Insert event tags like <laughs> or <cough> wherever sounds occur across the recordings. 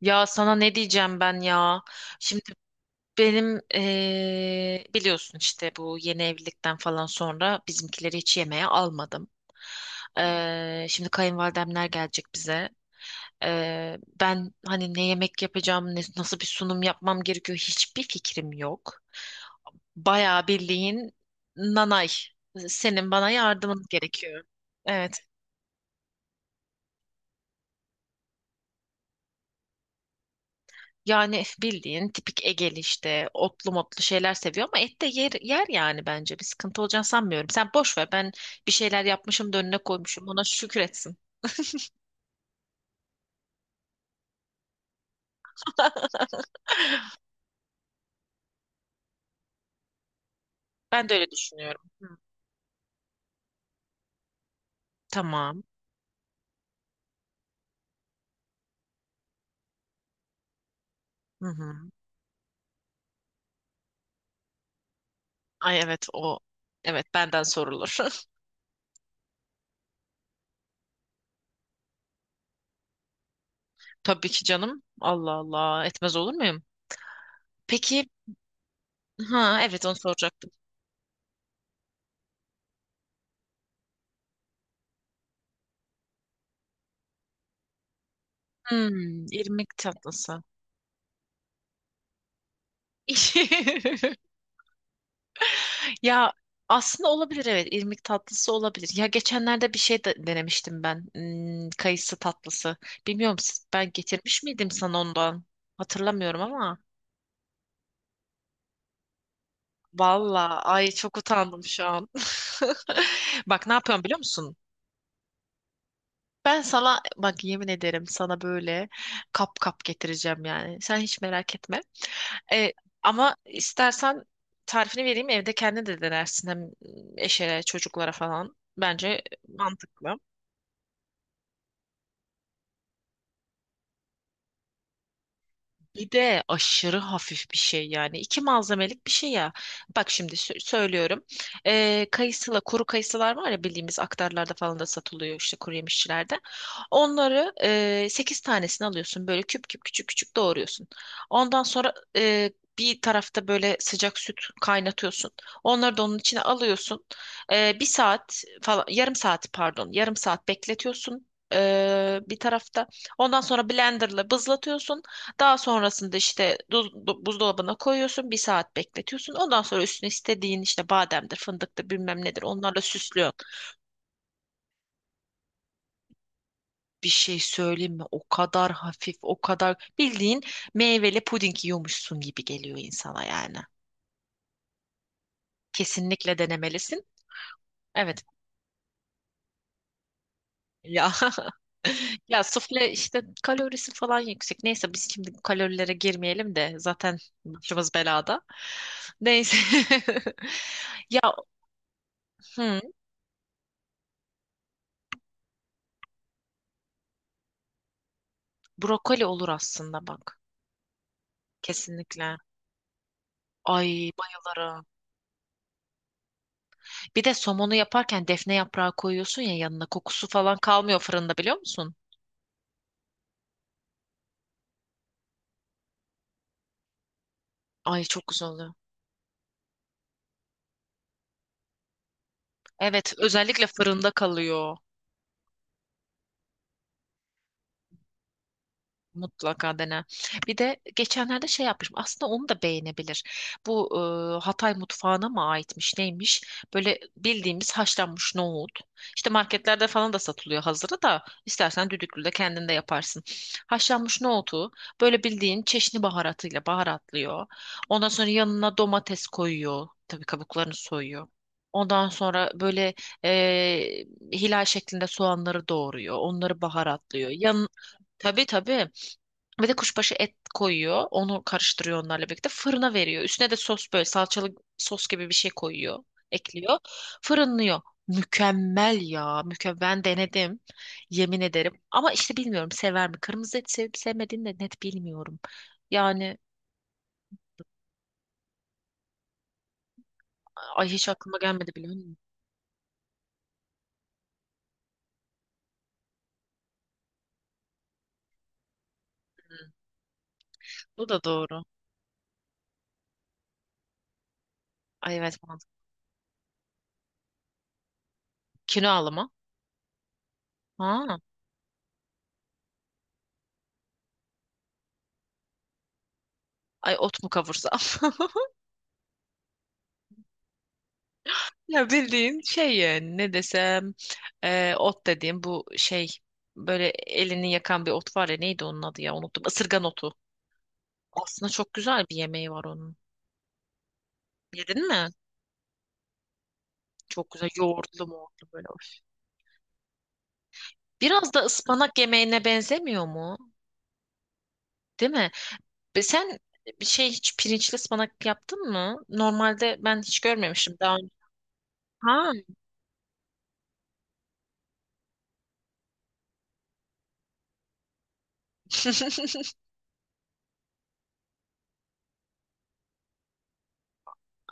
Ya sana ne diyeceğim ben ya? Şimdi benim biliyorsun işte bu yeni evlilikten falan sonra bizimkileri hiç yemeğe almadım. Şimdi kayınvalidemler gelecek bize. Ben hani ne yemek yapacağım, nasıl bir sunum yapmam gerekiyor hiçbir fikrim yok. Bayağı bildiğin nanay. Senin bana yardımın gerekiyor. Evet. Yani bildiğin tipik Egeli işte otlu motlu şeyler seviyor ama et de yer, yer yani bence bir sıkıntı olacağını sanmıyorum. Sen boş ver, ben bir şeyler yapmışım da önüne koymuşum, ona şükür etsin. Ben de öyle düşünüyorum. Hı. Tamam. Hı hı. Ay evet, o evet benden sorulur. <laughs> Tabii ki canım, Allah Allah, etmez olur muyum? Peki, ha evet, onu soracaktım. Hmm, irmik tatlısı. <laughs> Ya aslında olabilir, evet irmik tatlısı olabilir. Ya geçenlerde bir şey de denemiştim ben. Hmm, kayısı tatlısı. Bilmiyorum, ben getirmiş miydim sana ondan? Hatırlamıyorum ama. Valla ay, çok utandım şu an. <laughs> Bak ne yapıyorum biliyor musun? Ben sana bak, yemin ederim sana böyle kap kap getireceğim yani. Sen hiç merak etme. E, Ama istersen tarifini vereyim, evde kendin de denersin hem eşe çocuklara falan. Bence mantıklı. Bir de aşırı hafif bir şey yani. İki malzemelik bir şey ya. Bak şimdi söylüyorum. Kayısıla, kuru kayısılar var ya, bildiğimiz aktarlarda falan da satılıyor, işte kuru yemişçilerde. Onları 8 tanesini alıyorsun. Böyle küp küp küçük küçük doğruyorsun. Ondan sonra bir tarafta böyle sıcak süt kaynatıyorsun. Onları da onun içine alıyorsun. Bir saat falan, yarım saat pardon, yarım saat bekletiyorsun. Bir tarafta. Ondan sonra blenderla bızlatıyorsun. Daha sonrasında işte buzdolabına koyuyorsun, bir saat bekletiyorsun. Ondan sonra üstüne istediğin işte bademdir, fındıktır, bilmem nedir, onlarla süslüyorsun. Bir şey söyleyeyim mi? O kadar hafif, o kadar bildiğin meyveli puding yiyormuşsun gibi geliyor insana yani. Kesinlikle denemelisin. Evet. Ya <laughs> ya sufle işte kalorisi falan yüksek. Neyse, biz şimdi bu kalorilere girmeyelim de zaten başımız belada. Neyse. <laughs> Ya hı. Brokoli olur aslında bak. Kesinlikle. Ay bayılırım. Bir de somonu yaparken defne yaprağı koyuyorsun ya yanına, kokusu falan kalmıyor fırında, biliyor musun? Ay çok güzel oluyor. Evet, özellikle fırında kalıyor. Mutlaka dene. Bir de geçenlerde şey yapmışım. Aslında onu da beğenebilir. Bu Hatay mutfağına mı aitmiş neymiş? Böyle bildiğimiz haşlanmış nohut. İşte marketlerde falan da satılıyor hazırı da. İstersen düdüklü de kendin de yaparsın. Haşlanmış nohutu böyle bildiğin çeşni baharatıyla baharatlıyor. Ondan sonra yanına domates koyuyor. Tabii kabuklarını soyuyor. Ondan sonra böyle e, hilal şeklinde soğanları doğruyor. Onları baharatlıyor. Yan, tabii tabii ve de kuşbaşı et koyuyor. Onu karıştırıyor onlarla birlikte. Fırına veriyor. Üstüne de sos, böyle salçalı sos gibi bir şey koyuyor. Ekliyor. Fırınlıyor. Mükemmel ya. Mükemmel. Ben denedim. Yemin ederim. Ama işte bilmiyorum sever mi? Kırmızı et sevip sevmediğini de net bilmiyorum. Yani ay, hiç aklıma gelmedi biliyor musun? Bu da doğru. Ay evet, mantıklı. Kinoalı mı? Ha. Ay ot mu kavursam? <laughs> Ya bildiğin şey yani, ne desem, ot dediğim bu şey, böyle elini yakan bir ot var ya, neydi onun adı ya, unuttum. Isırgan otu. Aslında çok güzel bir yemeği var onun. Yedin mi? Çok güzel yoğurtlu moğurtlu böyle. Of. Biraz da ıspanak yemeğine benzemiyor mu? Değil mi? Ve sen bir şey, hiç pirinçli ıspanak yaptın mı? Normalde ben hiç görmemiştim daha önce. Ha. <laughs>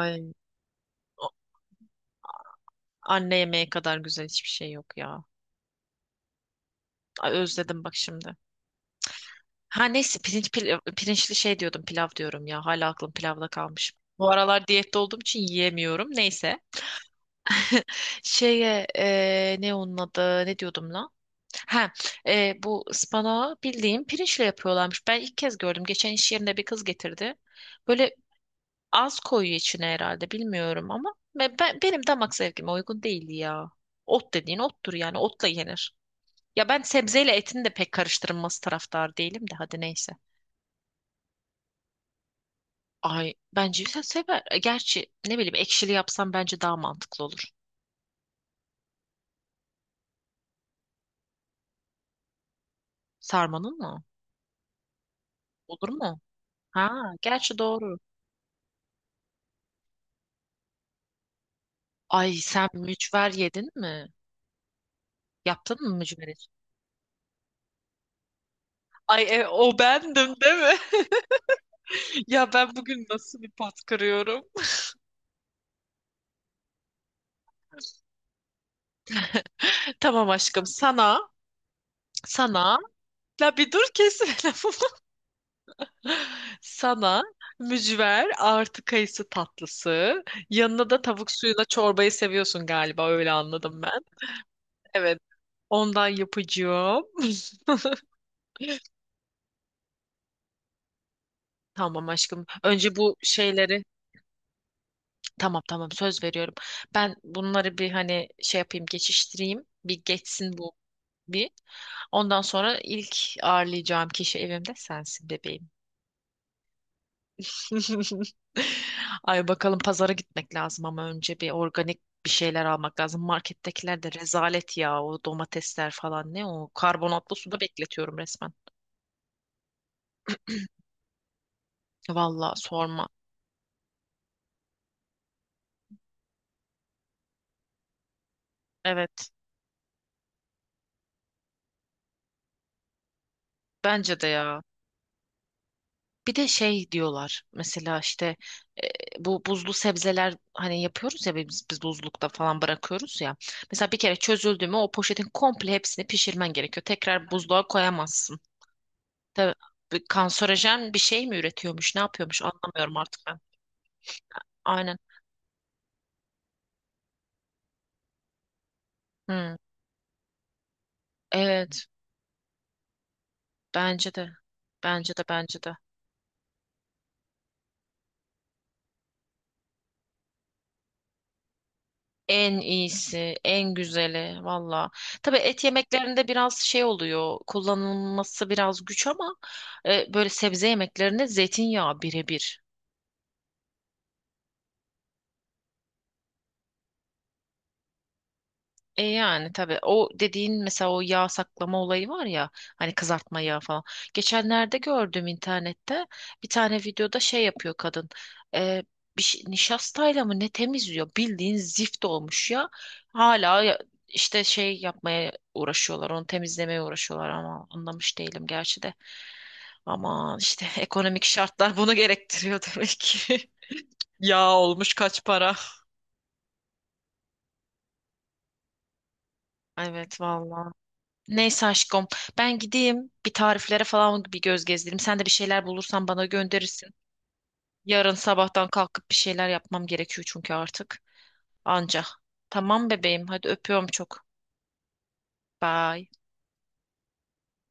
Ay, o- anne yemeği kadar güzel hiçbir şey yok ya. Ay, özledim bak şimdi. Ha neyse, pirinçli şey diyordum, pilav diyorum ya, hala aklım pilavda kalmış. Bu aralar diyette olduğum için yiyemiyorum. Neyse. Şeye ne onun adı, ne diyordum lan? Ha bu ıspanağı bildiğim pirinçle yapıyorlarmış. Ben ilk kez gördüm. Geçen iş yerinde bir kız getirdi. Böyle az koyuyor içine herhalde, bilmiyorum ama benim damak zevkime uygun değildi ya. Ot dediğin ottur yani, otla yenir. Ya ben sebzeyle etin de pek karıştırılması taraftar değilim de, hadi neyse. Ay bence sen sever. Gerçi ne bileyim, ekşili yapsam bence daha mantıklı olur. Sarmanın mı? Olur mu? Ha, gerçi doğru. Ay sen mücver yedin mi? Yaptın mı mücveri? Ay o bendim değil mi? <laughs> Ya ben bugün nasıl bir pot kırıyorum? <laughs> Tamam aşkım, sana. La bir dur, kesme <laughs> lafımı. Sana mücver artı kayısı tatlısı. Yanına da tavuk suyuna çorbayı seviyorsun galiba, öyle anladım ben. Evet, ondan yapacağım. <laughs> Tamam aşkım. Önce bu şeyleri, tamam, tamam, söz veriyorum. Ben bunları bir hani şey yapayım, geçiştireyim. Bir geçsin bu bir. Ondan sonra ilk ağırlayacağım kişi evimde sensin bebeğim. <laughs> Ay bakalım, pazara gitmek lazım ama önce bir organik bir şeyler almak lazım. Markettekiler de rezalet ya, o domatesler falan, ne o, karbonatlı suda bekletiyorum resmen. Vallahi sorma. Evet. Bence de ya. Bir de şey diyorlar mesela işte, e, bu buzlu sebzeler hani yapıyoruz ya, biz buzlukta falan bırakıyoruz ya. Mesela bir kere çözüldü mü o poşetin komple hepsini pişirmen gerekiyor. Tekrar buzluğa koyamazsın. Tabii bir kanserojen bir şey mi üretiyormuş, ne yapıyormuş, anlamıyorum artık ben. Aynen. Hmm. Evet, bence de bence de. En iyisi, en güzeli valla. Tabii et yemeklerinde biraz şey oluyor, kullanılması biraz güç ama böyle sebze yemeklerinde zeytinyağı birebir. E yani tabii, o dediğin mesela o yağ saklama olayı var ya, hani kızartma yağı falan. Geçenlerde gördüm internette bir tane videoda şey yapıyor kadın. E, Bir şey, nişastayla mı ne temizliyor, bildiğin zift olmuş ya. Hala ya- işte şey yapmaya uğraşıyorlar, onu temizlemeye uğraşıyorlar ama anlamış değilim gerçi de. Ama işte <laughs> ekonomik şartlar bunu gerektiriyor demek ki. <laughs> Yağ olmuş kaç para. Evet vallahi. Neyse aşkım, ben gideyim bir tariflere falan bir göz gezdireyim. Sen de bir şeyler bulursan bana gönderirsin. Yarın sabahtan kalkıp bir şeyler yapmam gerekiyor çünkü artık. Anca. Tamam bebeğim, hadi öpüyorum çok. Bye.